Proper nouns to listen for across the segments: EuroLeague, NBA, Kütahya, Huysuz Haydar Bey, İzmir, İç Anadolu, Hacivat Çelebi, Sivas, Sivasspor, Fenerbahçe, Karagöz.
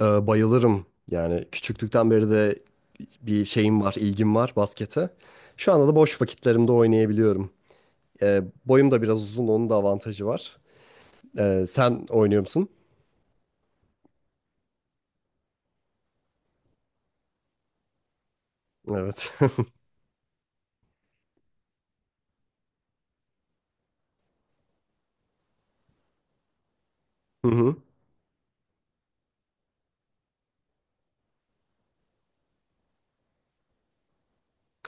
Bayılırım. Yani küçüklükten beri de bir şeyim var, ilgim var baskete. Şu anda da boş vakitlerimde oynayabiliyorum. Boyum da biraz uzun, onun da avantajı var. Sen oynuyor musun? Evet. Hı hı.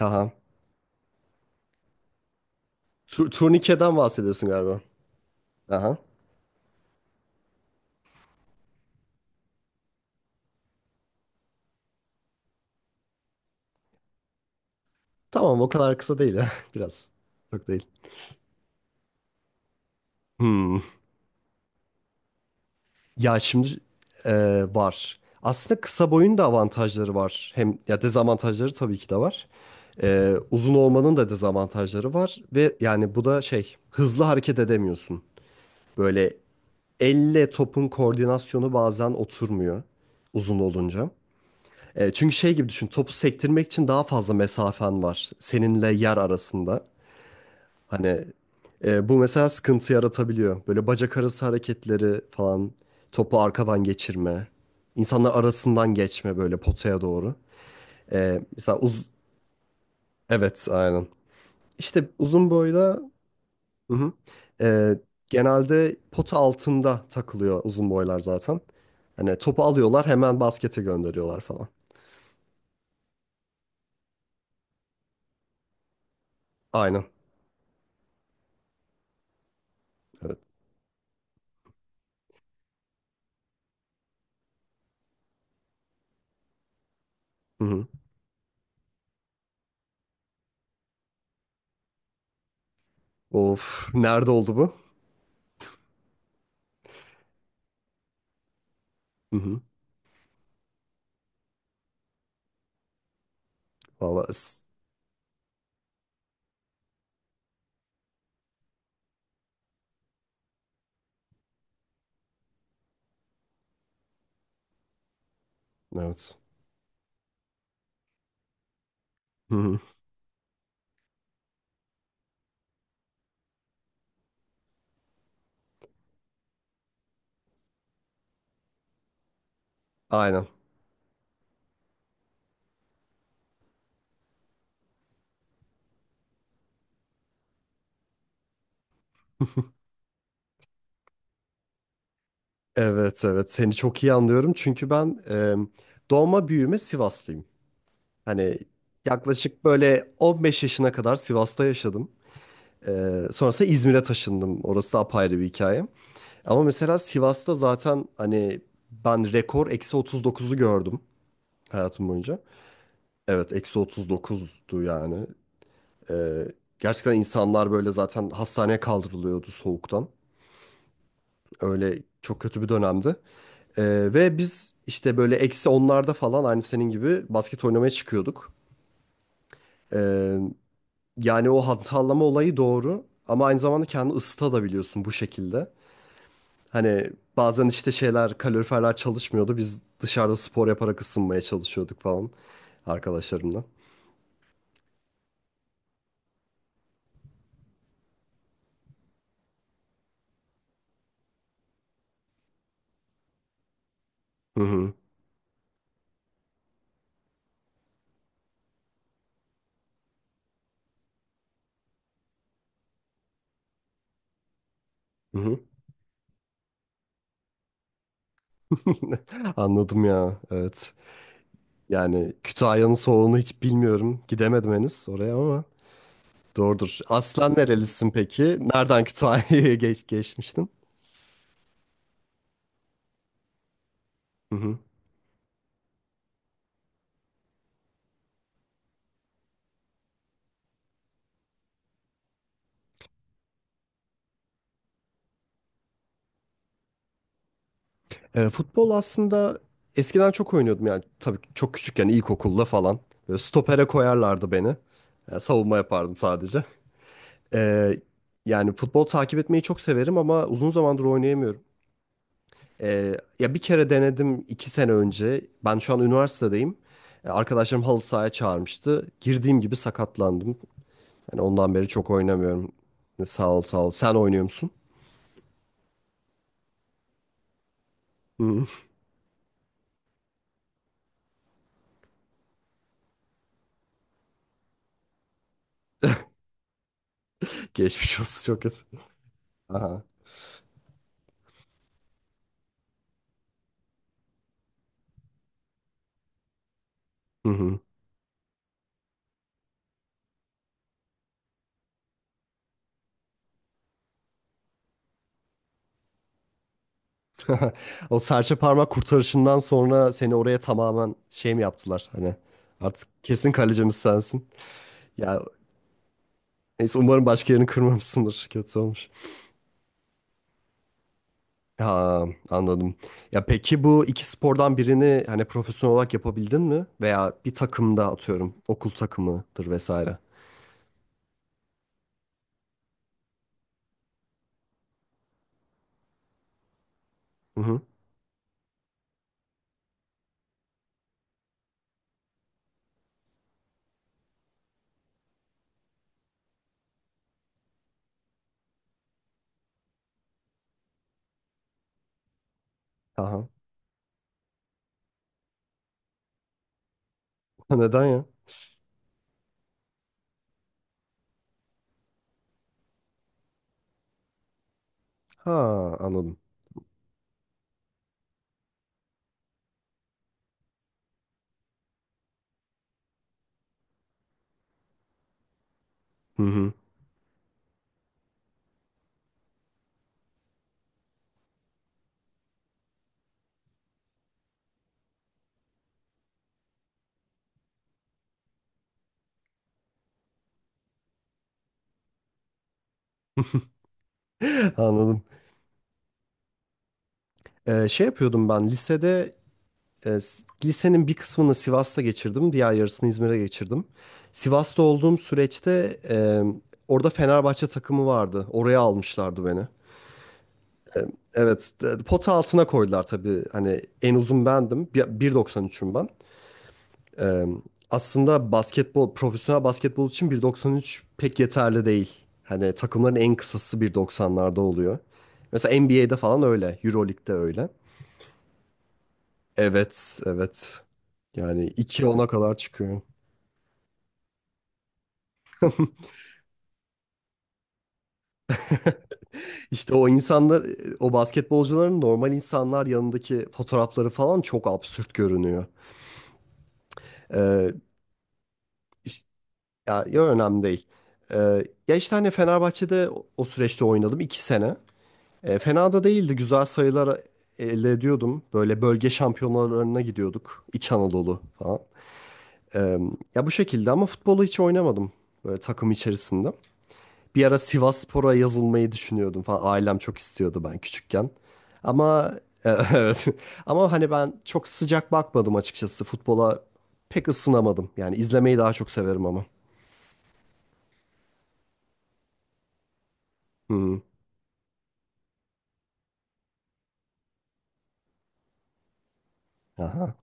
Aha. Turnikeden bahsediyorsun galiba. Aha. Tamam, o kadar kısa değil ya. Biraz. Çok değil. Hmm. Ya şimdi e, var. Aslında kısa boyun da avantajları var. Hem ya dezavantajları tabii ki de var. Uzun olmanın da dezavantajları var ve yani bu da şey hızlı hareket edemiyorsun. Böyle elle topun koordinasyonu bazen oturmuyor uzun olunca. Çünkü şey gibi düşün, topu sektirmek için daha fazla mesafen var seninle yer arasında. Hani bu mesela sıkıntı yaratabiliyor. Böyle bacak arası hareketleri falan, topu arkadan geçirme. İnsanlar arasından geçme böyle potaya doğru. Mesela uz Evet, aynen. İşte uzun boyda. Hı hı. Ee, Genelde pota altında takılıyor uzun boylar zaten. Hani topu alıyorlar, hemen baskete gönderiyorlar falan. Aynen. Evet. Hı hı. Of, nerede oldu bu? Hı hı. Valla s- evet. Hı hı. Aynen. Evet, evet, seni çok iyi anlıyorum çünkü ben doğma büyüme Sivaslıyım. Hani yaklaşık böyle 15 yaşına kadar Sivas'ta yaşadım. Sonrasında İzmir'e taşındım. Orası da apayrı bir hikaye. Ama mesela Sivas'ta zaten hani ben rekor eksi 39'u gördüm hayatım boyunca. Evet, eksi 39'du yani. Ee, Gerçekten insanlar böyle zaten hastaneye kaldırılıyordu soğuktan. Öyle çok kötü bir dönemdi. Ve biz işte böyle eksi onlarda falan aynı senin gibi basket oynamaya çıkıyorduk. Ee, Yani o hatırlama olayı doğru. Ama aynı zamanda kendini ısıtabiliyorsun bu şekilde. Hani bazen işte şeyler, kaloriferler çalışmıyordu. Biz dışarıda spor yaparak ısınmaya çalışıyorduk falan, arkadaşlarımla. Hı hı. Hı hı. Anladım ya. Evet. Yani Kütahya'nın soğuğunu hiç bilmiyorum, gidemedim henüz oraya ama doğrudur. Aslen nerelisin peki? Nereden Kütahya'ya geçmiştin? Hı hı. Futbol aslında eskiden çok oynuyordum, yani tabii çok küçükken, ilkokulda falan. Böyle stopere koyarlardı beni. Yani savunma yapardım sadece. Ee, Yani futbol takip etmeyi çok severim ama uzun zamandır oynayamıyorum. Ee, Ya bir kere denedim 2 sene önce. Ben şu an üniversitedeyim. Arkadaşlarım halı sahaya çağırmıştı. Girdiğim gibi sakatlandım. Yani ondan beri çok oynamıyorum. Sağ ol, sağ ol. Sen oynuyor musun? Hı. Geçmiş olsun, çok kötü. Aha. Hı hı. O serçe parmak kurtarışından sonra seni oraya tamamen şey mi yaptılar? Hani artık kesin kalecimiz sensin. Ya neyse, umarım başka yerini kırmamışsındır. Kötü olmuş. Ha, anladım. Ya peki, bu iki spordan birini hani profesyonel olarak yapabildin mi? Veya bir takımda, atıyorum, okul takımıdır vesaire. Hı hı. Aha. Ha, neden ya? Ha, anladım. Hı hı. Anladım. Şey yapıyordum ben lisede lisenin bir kısmını Sivas'ta geçirdim. Diğer yarısını İzmir'de geçirdim. Sivas'ta olduğum süreçte orada Fenerbahçe takımı vardı. Oraya almışlardı beni. Evet, pota altına koydular tabii. Hani en uzun bendim. 1.93'üm ben. Ee, Aslında basketbol, profesyonel basketbol için 1.93 pek yeterli değil. Hani takımların en kısası 1.90'larda oluyor. Mesela NBA'de falan öyle, EuroLeague'de öyle. Evet, evet. Yani iki ona kadar çıkıyor. İşte o insanlar, o basketbolcuların normal insanlar yanındaki fotoğrafları falan çok absürt görünüyor. Ee, Ya, yo, önemli değil. Ee, Ya işte hani Fenerbahçe'de o süreçte oynadım 2 sene. Fena da değildi. Güzel sayılar elde ediyordum. Böyle bölge şampiyonalarına gidiyorduk, İç Anadolu falan. Ee, Ya bu şekilde, ama futbolu hiç oynamadım, böyle takım içerisinde. Bir ara Sivasspor'a yazılmayı düşünüyordum falan. Ailem çok istiyordu ben küçükken. Ama evet. Ama hani ben çok sıcak bakmadım açıkçası, futbola pek ısınamadım. Yani izlemeyi daha çok severim ama. Hı. Aha.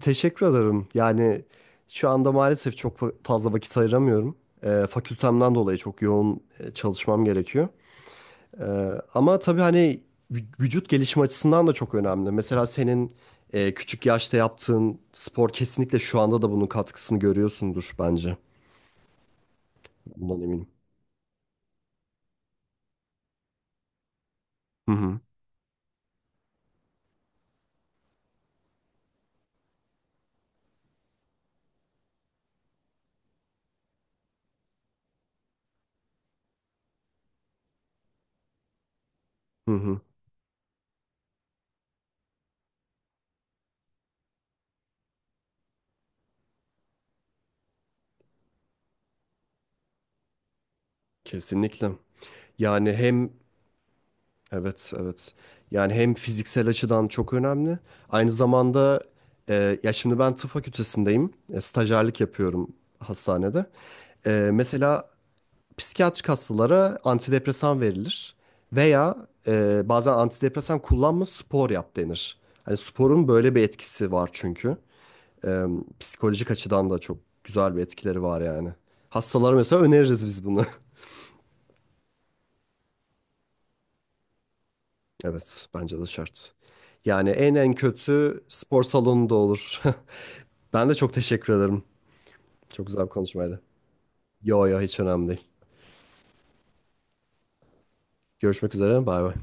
Teşekkür ederim. Yani şu anda maalesef çok fazla vakit ayıramıyorum. Fakültemden dolayı çok yoğun çalışmam gerekiyor. Ee, Ama tabii hani vücut gelişimi açısından da çok önemli. Mesela senin küçük yaşta yaptığın spor, kesinlikle şu anda da bunun katkısını görüyorsundur bence. Bundan eminim. Hı hı. Hı hı. Kesinlikle. Yani hem. Evet, evet. Yani hem fiziksel açıdan çok önemli. Aynı zamanda ya şimdi ben tıp fakültesindeyim. Stajyerlik yapıyorum hastanede. Mesela psikiyatrik hastalara antidepresan verilir. Veya bazen antidepresan kullanma, spor yap denir. Hani sporun böyle bir etkisi var çünkü. E, Psikolojik açıdan da çok güzel bir etkileri var yani. Hastalara mesela öneririz biz bunu. Evet, bence de şart. Yani en en kötü spor salonunda olur. Ben de çok teşekkür ederim. Çok güzel bir konuşmaydı. Yo, yo, hiç önemli değil. Görüşmek üzere. Bay bay.